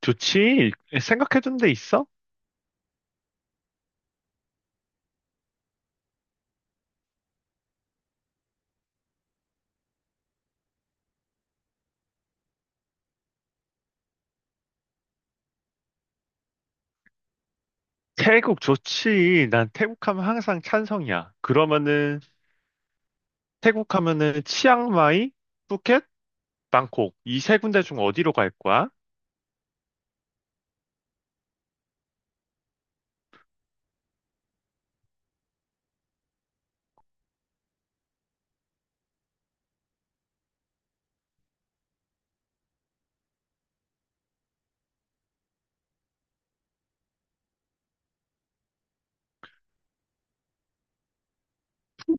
좋지. 생각해둔 데 있어? 태국 좋지. 난 태국 하면 항상 찬성이야. 그러면은 태국 하면은 치앙마이, 푸켓, 방콕 이 세 군데 중 어디로 갈 거야?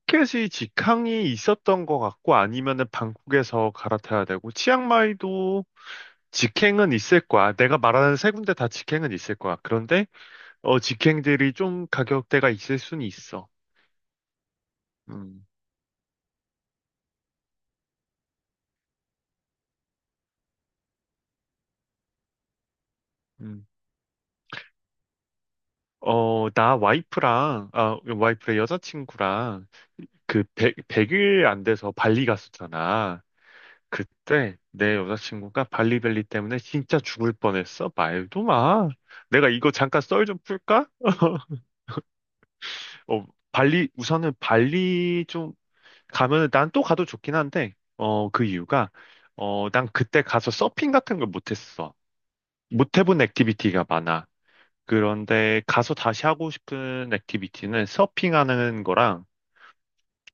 푸켓이 직항이 있었던 것 같고 아니면은 방콕에서 갈아타야 되고 치앙마이도 직행은 있을 거야. 내가 말하는 세 군데 다 직행은 있을 거야. 그런데 직행들이 좀 가격대가 있을 수는 있어. 음, 음. 나 와이프랑, 와이프의 여자친구랑 그 100, 일 안 돼서 발리 갔었잖아. 그때 내 여자친구가 발리벨리 때문에 진짜 죽을 뻔했어. 말도 마. 내가 이거 잠깐 썰 좀 풀까? 어, 우선은 발리 좀 가면은 난 또 가도 좋긴 한데, 그 이유가, 난 그때 가서 서핑 같은 걸 못했어. 못 해본 액티비티가 많아. 그런데 가서 다시 하고 싶은 액티비티는 서핑하는 거랑,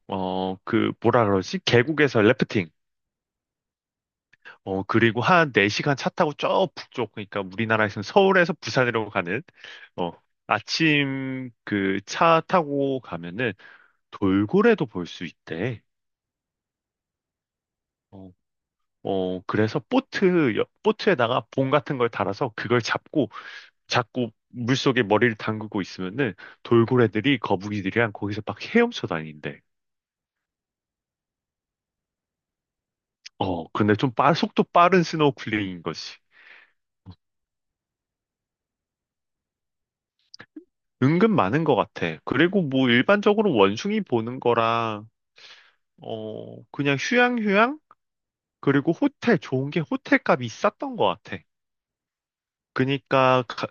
뭐라 그러지? 계곡에서 래프팅. 그리고 한 4시간 차 타고 저 북쪽, 그러니까 우리나라에서는 서울에서 부산으로 가는, 어, 아침 그 차 타고 가면은 돌고래도 볼 수 있대. 어, 그래서 보트, 보트에다가 봉 같은 걸 달아서 그걸 잡고 자꾸 물속에 머리를 담그고 있으면은 돌고래들이 거북이들이랑 거기서 막 헤엄쳐 다닌대. 근데 좀 속도 빠른 스노클링인 거지. 은근 많은 것 같아. 그리고 뭐 일반적으로 원숭이 보는 거랑 그냥 휴양휴양? 그리고 호텔, 좋은 게 호텔 값이 쌌던 것 같아. 그니까, 가-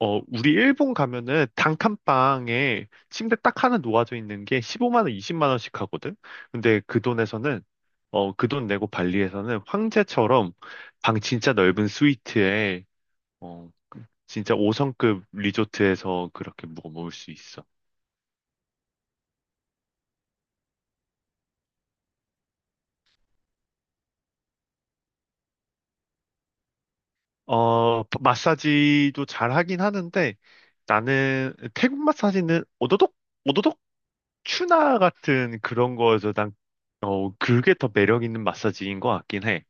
어, 우리 일본 가면은 단칸방에 침대 딱 하나 놓아져 있는 게 15만 원, 20만 원씩 하거든? 근데 그 돈에서는, 그 돈 내고 발리에서는 황제처럼 방 진짜 넓은 스위트에, 어, 진짜 5성급 리조트에서 그렇게 묵어 먹을 수 있어. 마사지도 잘 하긴 하는데 나는 태국 마사지는 오도독, 오도독 추나 같은 그런 거에서 난, 그게 더 매력 있는 마사지인 것 같긴 해.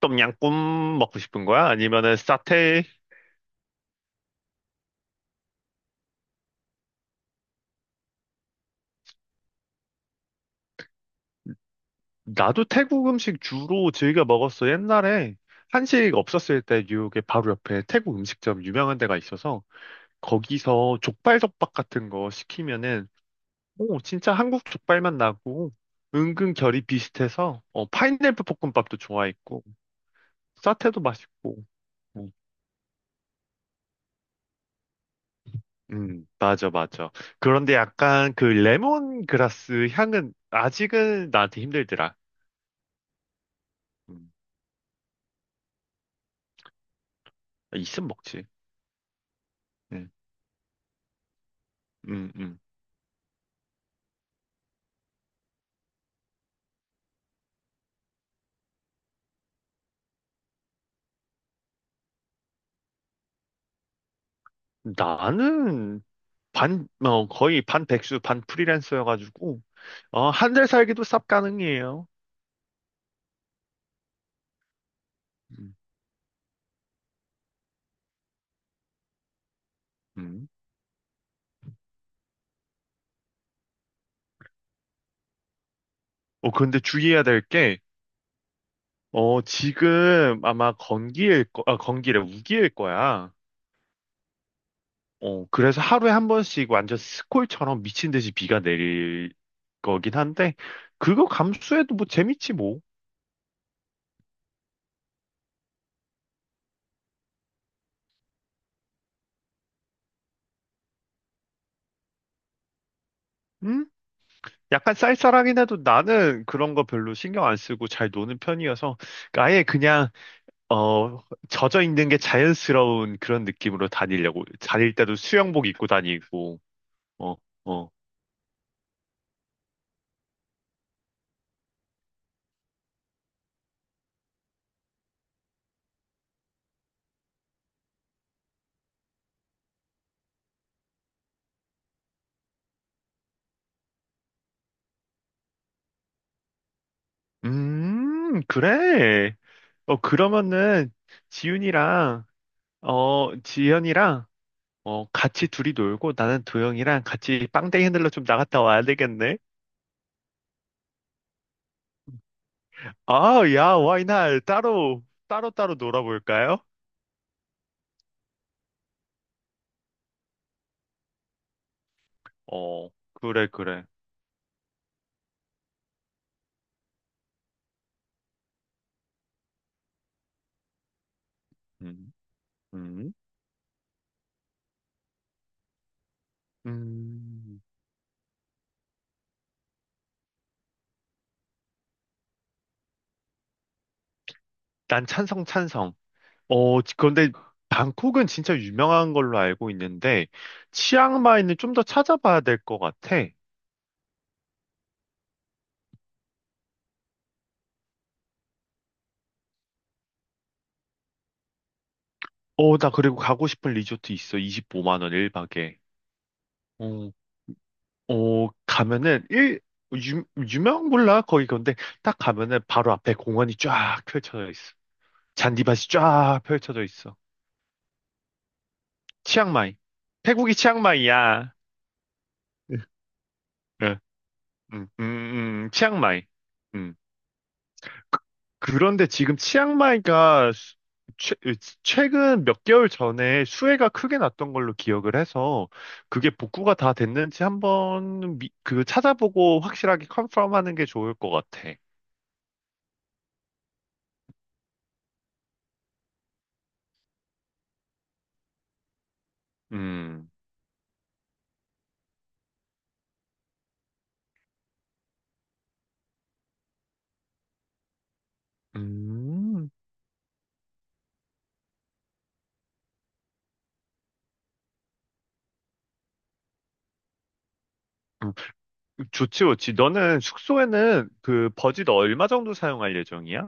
똠양꿍 먹고 싶은 거야? 아니면은 사테? 나도 태국 음식 주로 즐겨 먹었어. 옛날에 한식 없었을 때 뉴욕에 바로 옆에 태국 음식점 유명한 데가 있어서 거기서 족발 덮밥 같은 거 시키면은 오, 진짜 한국 족발맛 나고 은근 결이 비슷해서 파인애플 볶음밥도 좋아했고 사태도 맛있고. 뭐, 음, 맞아, 맞아. 그런데 약간 그 레몬그라스 향은 아직은 나한테 힘들더라. 음, 있으면 먹지. 음, 음, 음. 나는 반 거의 반 백수 반 프리랜서여가지고 한 달 살기도 쌉 가능해요. 음, 음. 근데 주의해야 될게 지금 아마 건기래, 우기일 거야. 그래서 하루에 한 번씩 완전 스콜처럼 미친 듯이 비가 내릴 거긴 한데, 그거 감수해도 뭐 재밌지 뭐. 응? 약간 쌀쌀하긴 해도 나는 그런 거 별로 신경 안 쓰고 잘 노는 편이어서 아예 그냥 어 젖어 있는 게 자연스러운 그런 느낌으로 다니려고 다닐 때도 수영복 입고 다니고. 어, 어. 그래. 그러면은 지윤이랑 지현이랑 같이 둘이 놀고 나는 도영이랑 같이 빵댕이 흔들러 좀 나갔다 와야 되겠네. 야, 와이날 따로 따로 따로 놀아볼까요? 어, 그래, 그래. 음, 음, 음. 난 찬성, 찬성. 그런데 방콕은 진짜 유명한 걸로 알고 있는데 치앙마이는 좀 더 찾아봐야 될 것 같아. 나 그리고 가고 싶은 리조트 있어. 25만 원 1박에. 어, 가면은 일, 유, 유명 몰라 거기 근데 딱 가면은 바로 앞에 공원이 쫙 펼쳐져 있어. 잔디밭이 쫙 펼쳐져 있어. 치앙마이. 태국이 치앙마이야. 응, 응, 응, 응, 응, 치앙마이. 음. 그런데 지금 치앙마이가 최, 최근 몇 개월 전에 수해가 크게 났던 걸로 기억을 해서 그게 복구가 다 됐는지 한번 그 찾아보고 확실하게 컨펌하는 게 좋을 것 같아. 음. 음, 음, 좋지, 좋지. 너는 숙소에는 그 버짓 얼마 정도 사용할 예정이야?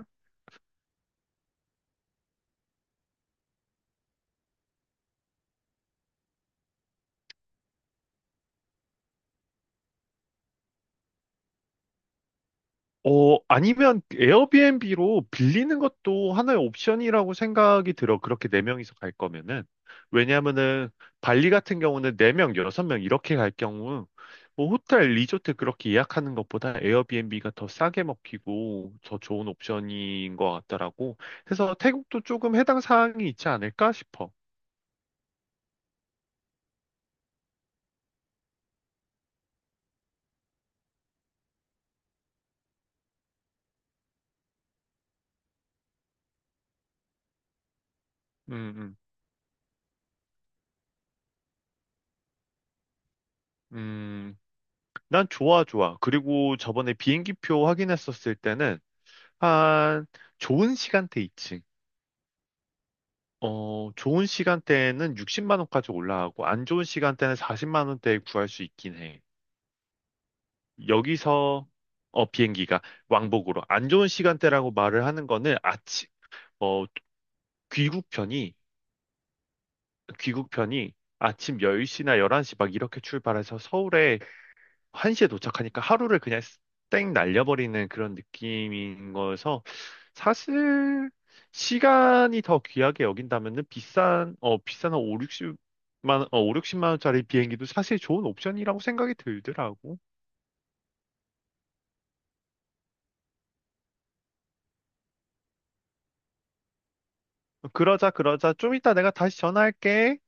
아니면 에어비앤비로 빌리는 것도 하나의 옵션이라고 생각이 들어. 그렇게 네명이서갈 거면은. 왜냐면은 발리 같은 경우는 네명 여섯 명 이렇게 갈 경우 뭐 호텔, 리조트 그렇게 예약하는 것보다 에어비앤비가 더 싸게 먹히고 더 좋은 옵션인 것 같더라고. 그래서 태국도 조금 해당 사항이 있지 않을까 싶어. 음, 음. 음, 난 좋아, 좋아. 그리고 저번에 비행기표 확인했었을 때는 한 좋은 시간대 있지. 좋은 시간대에는 60만 원까지 올라가고 안 좋은 시간대는 40만 원대에 구할 수 있긴 해. 여기서 비행기가 왕복으로 안 좋은 시간대라고 말을 하는 거는 아침 어, 귀국편이 귀국편이 아침 10시나 11시 막 이렇게 출발해서 서울에 1시에 도착하니까 하루를 그냥 땡 날려버리는 그런 느낌인 거여서 사실 시간이 더 귀하게 여긴다면은 비싼 한 5, 6만어 5, 60만 원짜리 비행기도 사실 좋은 옵션이라고 생각이 들더라고. 그러자, 그러자. 좀 이따 내가 다시 전화할게.